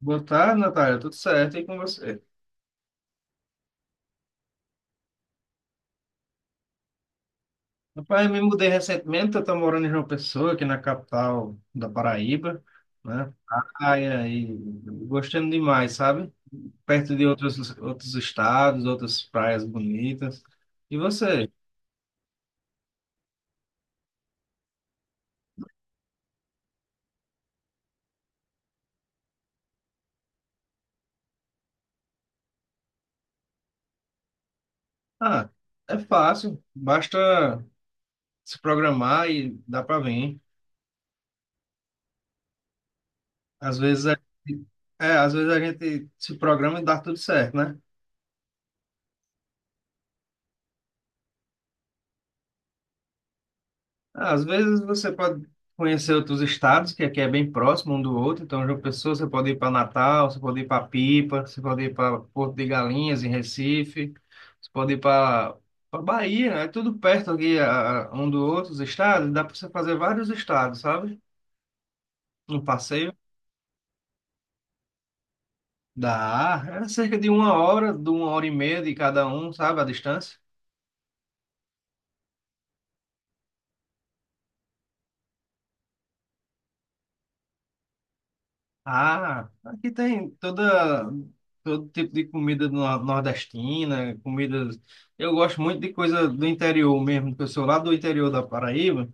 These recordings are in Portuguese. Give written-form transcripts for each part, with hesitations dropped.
Boa tarde, Natália. Tudo certo? E com você? Rapaz, eu me mudei recentemente. Eu estou morando em João Pessoa, aqui na capital da Paraíba, né? Praia e gostando demais, sabe? Perto de outros estados, outras praias bonitas. E você? Ah, é fácil. Basta se programar e dá para vir. Às vezes a, às vezes a gente se programa e dá tudo certo, né? Às vezes você pode conhecer outros estados, que aqui é bem próximo um do outro. Então, João Pessoa, você pode ir para Natal, você pode ir para Pipa, você pode ir para Porto de Galinhas, em Recife, você pode ir para Bahia, é tudo perto aqui um do outro, os estados. Dá para você fazer vários estados, sabe? Um passeio. Dá, é cerca de 1 hora, de 1 hora e meia de cada um, sabe, a distância. Ah, aqui tem toda todo tipo de comida nordestina, comidas. Eu gosto muito de coisa do interior mesmo, porque eu sou lá do interior da Paraíba.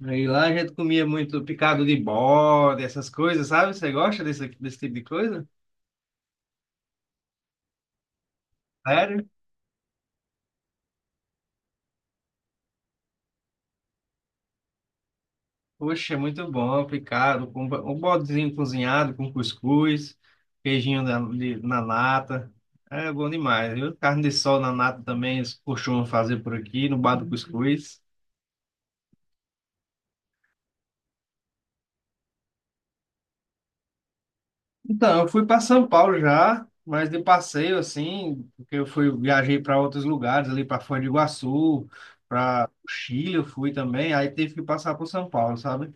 E lá a gente comia muito picado de bode, essas coisas, sabe? Você gosta desse tipo de coisa? Sério? Poxa, é muito bom, picado, com um bodezinho cozinhado, com cuscuz, queijinho na nata. É bom demais, viu? Carne de sol na nata também, eles costumam fazer por aqui, no bar do cuscuz. Então, eu fui para São Paulo já, mas de passeio assim, porque eu fui viajei para outros lugares ali para Foz do Iguaçu, para o Chile eu fui também, aí tive que passar por São Paulo, sabe?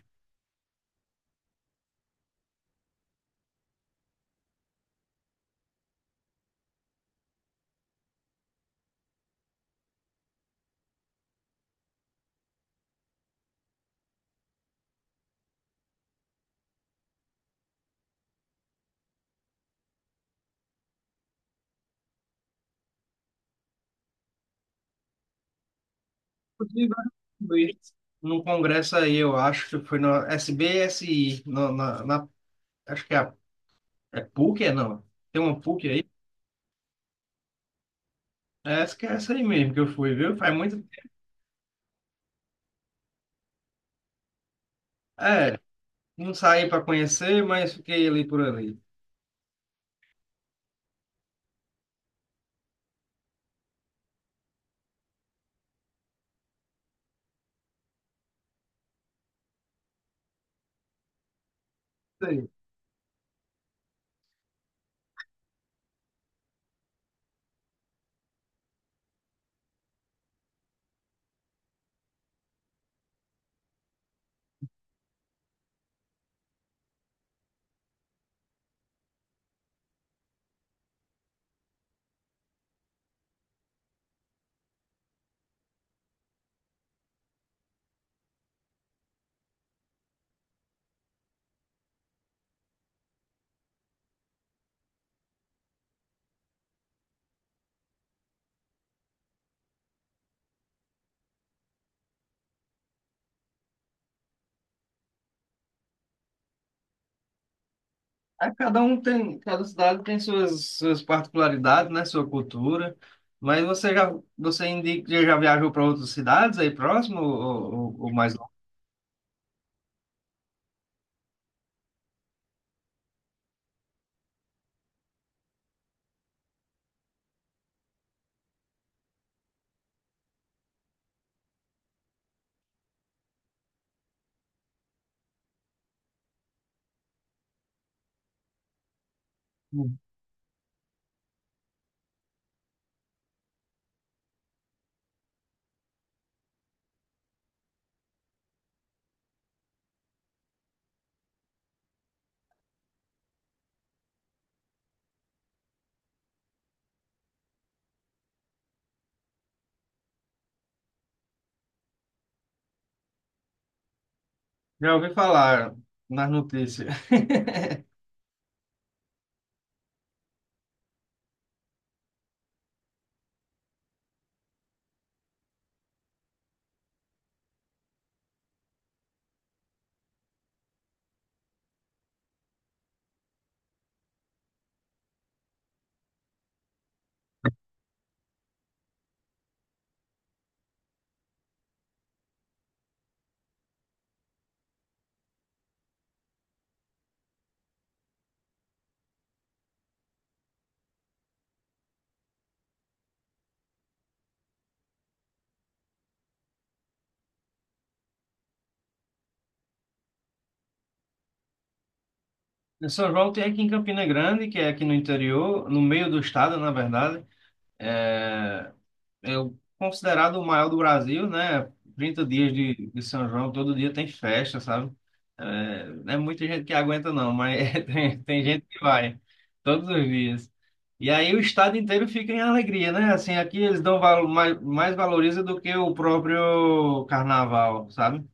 Inclusive, eu fui num congresso aí, eu acho que foi na SBSI, acho que é, é PUC, é não? Tem uma PUC aí? É, acho que é essa aí mesmo que eu fui, viu? Faz muito. É, não saí para conhecer, mas fiquei ali por ali. É, cada um tem, cada cidade tem suas particularidades, né? Sua cultura. Mas você já, você indica, já viajou para outras cidades aí próximo ou mais longe? Já ouvi falar nas notícias. Em São João tem aqui em Campina Grande, que é aqui no interior, no meio do estado, na verdade. É, Considerado o maior do Brasil, né? 30 dias de São João, todo dia tem festa, sabe? É, não é muita gente que aguenta, não, mas tem, gente que vai todos os dias. E aí o estado inteiro fica em alegria, né? Assim, aqui eles dão mais valoriza do que o próprio carnaval, sabe?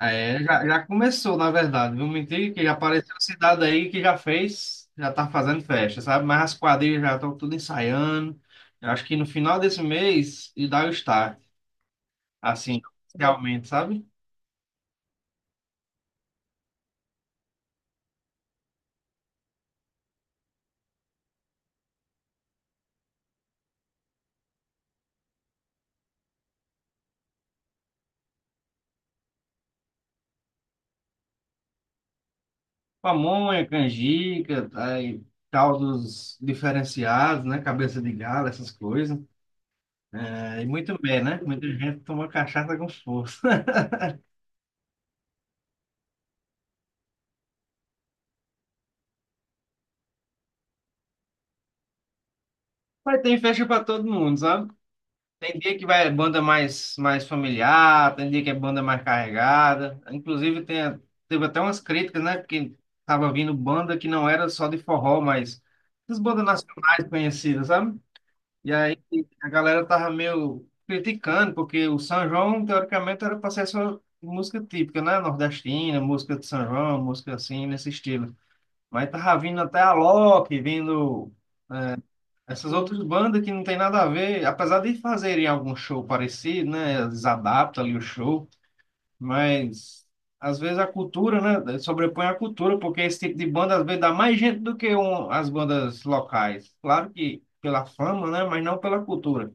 É, já começou, na verdade. Não mentir que já apareceu cidade aí que já fez, já tá fazendo festa, sabe? Mas as quadrilhas já estão tudo ensaiando. Eu acho que no final desse mês e dá o start, assim, realmente, sabe? Pamonha, canjica, aí, caldos diferenciados, né? Cabeça de galo, essas coisas. É, e muito bem, né? Muita gente toma cachaça com força. Mas tem festa para todo mundo, sabe? Tem dia que vai é banda mais familiar, tem dia que é banda mais carregada. Inclusive, teve até umas críticas, né? Porque tava vindo banda que não era só de forró, mas as bandas nacionais conhecidas, sabe? E aí a galera tava meio criticando, porque o São João, teoricamente, era para ser só música típica, né? Nordestina, música de São João, música assim, nesse estilo. Mas tava vindo até a Alok, vindo. Essas outras bandas que não tem nada a ver, apesar de fazerem algum show parecido, né? Eles adaptam ali o show, mas às vezes a cultura, né? Sobrepõe a cultura, porque esse tipo de banda às vezes dá mais gente do que as bandas locais. Claro que pela fama, né? Mas não pela cultura.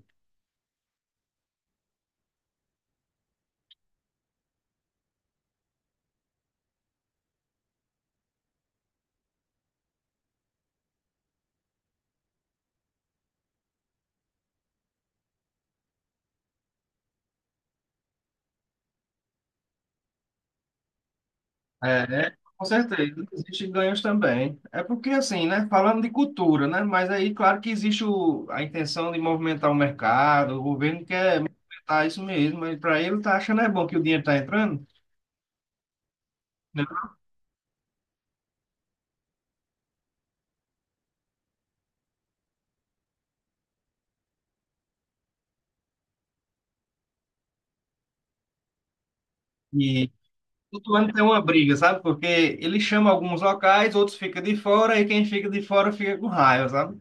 É, com certeza, existem ganhos também. É porque assim, né? Falando de cultura, né? Mas aí, claro que existe a intenção de movimentar o mercado, o governo quer movimentar isso mesmo, mas para ele tá achando é bom que o dinheiro tá entrando, né? E todo ano tem uma briga, sabe? Porque ele chama alguns locais, outros ficam de fora, e quem fica de fora fica com raiva, sabe?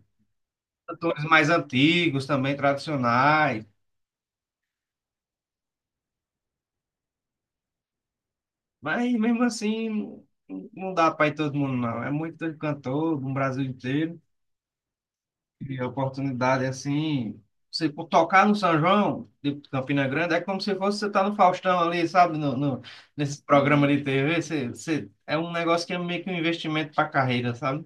Cantores mais antigos também, tradicionais. Mas mesmo assim, não dá para ir todo mundo, não. É muito cantor no Brasil inteiro. E a oportunidade, assim, você por tocar no São João, de Campina Grande, é como se fosse você estar no Faustão ali, sabe? Nesse programa de TV, é um negócio que é meio que um investimento para a carreira, sabe?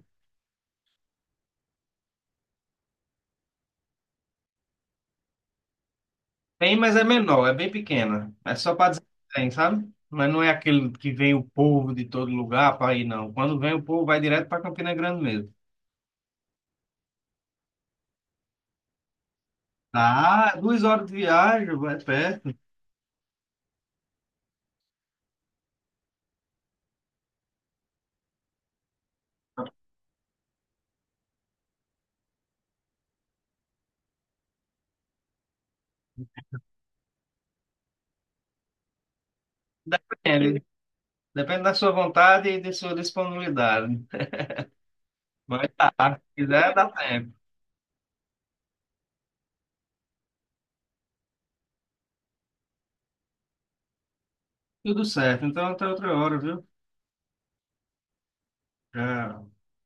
Tem, mas é menor, é bem pequena. É só para dizer que tem, sabe? Mas não é aquele que vem o povo de todo lugar para ir, não. Quando vem o povo, vai direto para Campina Grande mesmo. Ah, 2 horas de viagem, vai perto. Depende, depende, da sua vontade e de sua disponibilidade. Mas tá, se quiser, dá tempo. Tudo certo, então até outra hora, viu? Já.